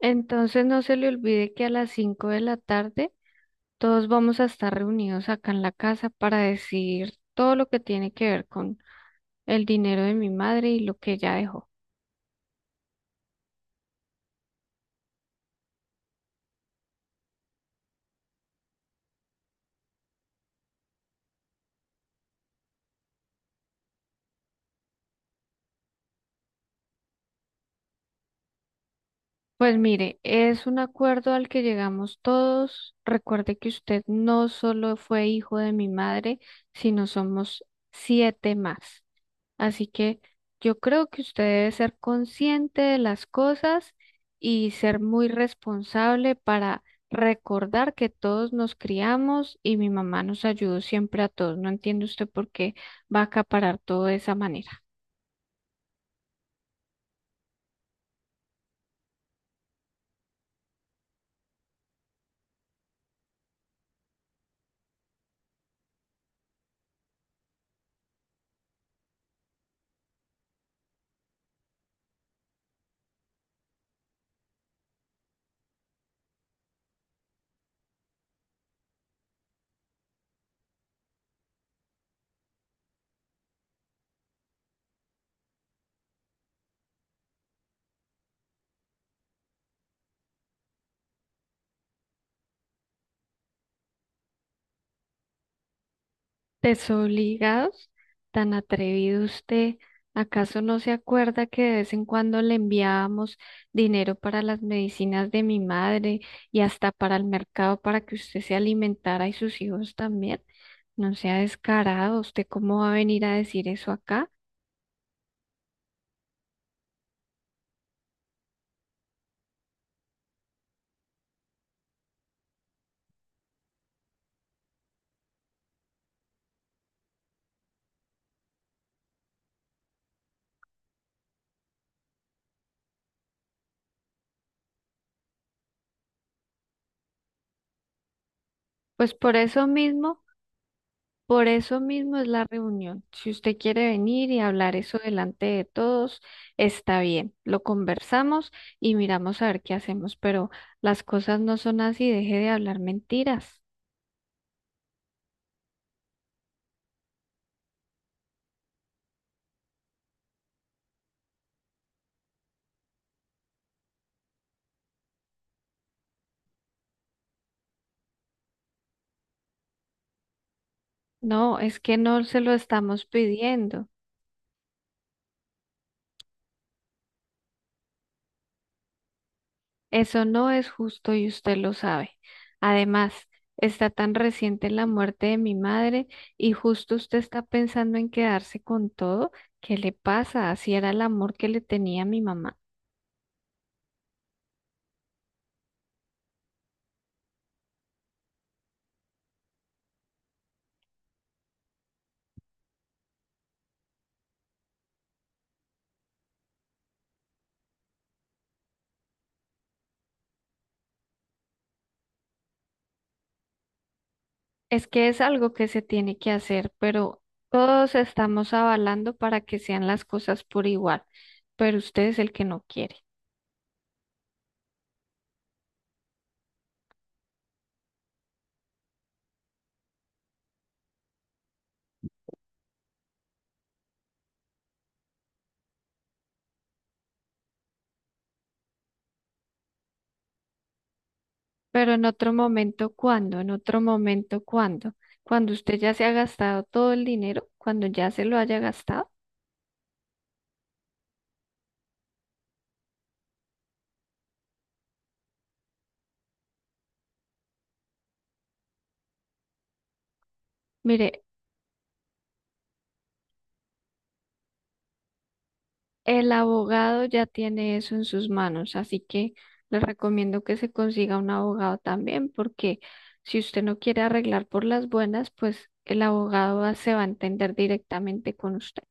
Entonces no se le olvide que a las 5 de la tarde todos vamos a estar reunidos acá en la casa para decir todo lo que tiene que ver con el dinero de mi madre y lo que ella dejó. Pues mire, es un acuerdo al que llegamos todos. Recuerde que usted no solo fue hijo de mi madre, sino somos 7 más. Así que yo creo que usted debe ser consciente de las cosas y ser muy responsable para recordar que todos nos criamos y mi mamá nos ayudó siempre a todos. No entiende usted por qué va a acaparar todo de esa manera. Desobligados, tan atrevido usted. ¿Acaso no se acuerda que de vez en cuando le enviábamos dinero para las medicinas de mi madre y hasta para el mercado para que usted se alimentara y sus hijos también? No sea descarado, ¿usted cómo va a venir a decir eso acá? Pues por eso mismo es la reunión. Si usted quiere venir y hablar eso delante de todos, está bien. Lo conversamos y miramos a ver qué hacemos, pero las cosas no son así, deje de hablar mentiras. No, es que no se lo estamos pidiendo. Eso no es justo y usted lo sabe. Además, está tan reciente la muerte de mi madre y justo usted está pensando en quedarse con todo. ¿Qué le pasa? Así era el amor que le tenía a mi mamá. Es que es algo que se tiene que hacer, pero todos estamos avalando para que sean las cosas por igual, pero usted es el que no quiere. Pero en otro momento, ¿cuándo? En otro momento, ¿cuándo? Cuando usted ya se ha gastado todo el dinero, cuando ya se lo haya gastado. Mire, el abogado ya tiene eso en sus manos, así que le recomiendo que se consiga un abogado también, porque si usted no quiere arreglar por las buenas, pues el abogado se va a entender directamente con usted.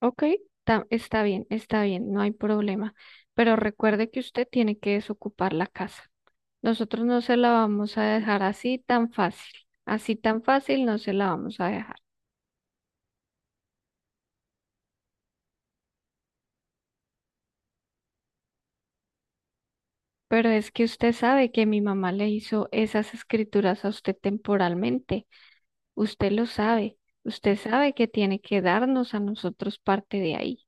Ok, está bien, no hay problema. Pero recuerde que usted tiene que desocupar la casa. Nosotros no se la vamos a dejar así tan fácil. Así tan fácil no se la vamos a dejar. Pero es que usted sabe que mi mamá le hizo esas escrituras a usted temporalmente. Usted lo sabe. Usted sabe que tiene que darnos a nosotros parte de ahí.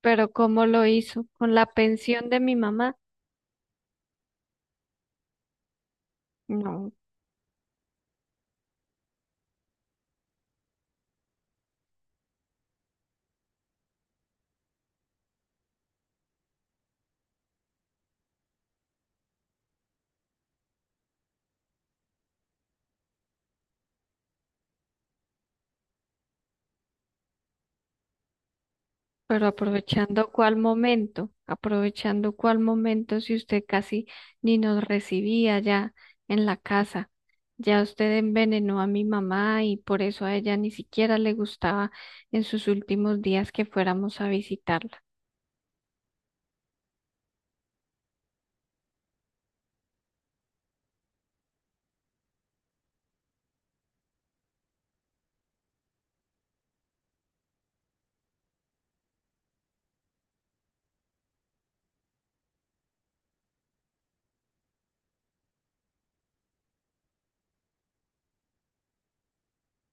Pero ¿cómo lo hizo? ¿Con la pensión de mi mamá? No, pero aprovechando cuál momento si usted casi ni nos recibía ya en la casa. Ya usted envenenó a mi mamá y por eso a ella ni siquiera le gustaba en sus últimos días que fuéramos a visitarla.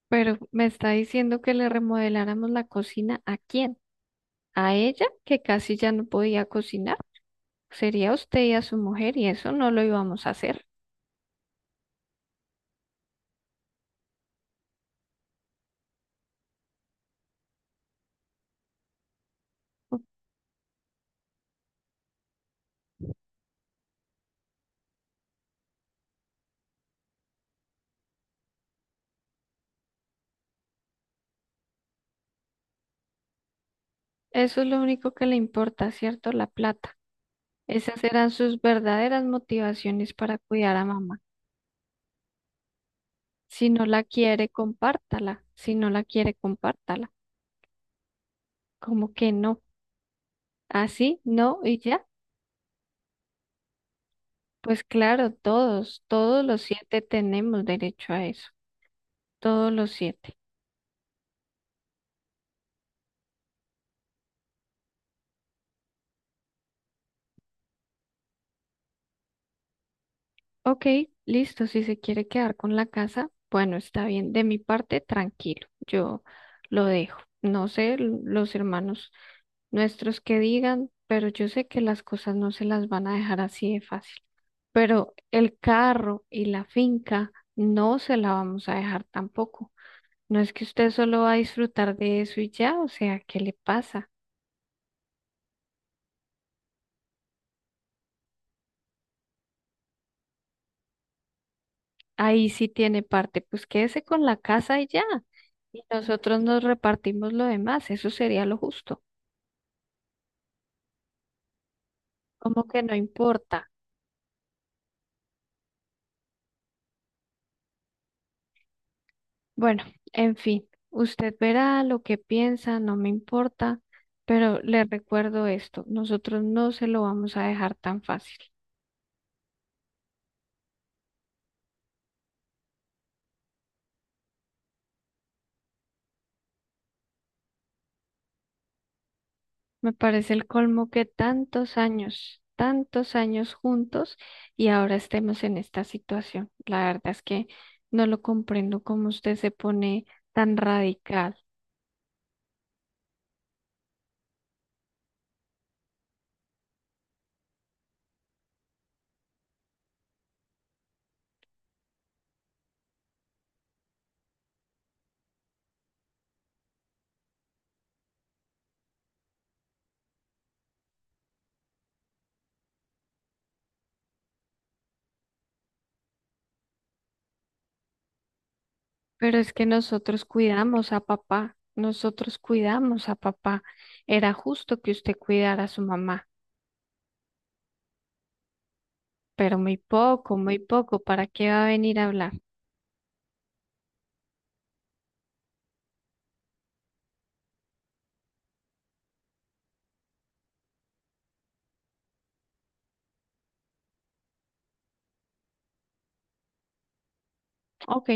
Pero me está diciendo que le remodeláramos la cocina, ¿a quién? ¿A ella que casi ya no podía cocinar? Sería usted y a su mujer y eso no lo íbamos a hacer. Eso es lo único que le importa, ¿cierto? La plata. Esas eran sus verdaderas motivaciones para cuidar a mamá. Si no la quiere, compártala. Si no la quiere, compártala. ¿Cómo que no? ¿Así? ¿No? ¿Y ya? Pues claro, todos, todos los 7 tenemos derecho a eso. Todos los siete. Ok, listo. Si se quiere quedar con la casa, bueno, está bien. De mi parte, tranquilo. Yo lo dejo. No sé los hermanos nuestros que digan, pero yo sé que las cosas no se las van a dejar así de fácil. Pero el carro y la finca no se la vamos a dejar tampoco. No es que usted solo va a disfrutar de eso y ya, o sea, ¿qué le pasa? Ahí sí tiene parte, pues quédese con la casa y ya. Y nosotros nos repartimos lo demás, eso sería lo justo. Como que no importa. Bueno, en fin, usted verá lo que piensa, no me importa, pero le recuerdo esto, nosotros no se lo vamos a dejar tan fácil. Me parece el colmo que tantos años juntos y ahora estemos en esta situación. La verdad es que no lo comprendo cómo usted se pone tan radical, pero es que nosotros cuidamos a papá, nosotros cuidamos a papá. Era justo que usted cuidara a su mamá, pero muy poco, ¿para qué va a venir a hablar? Ok,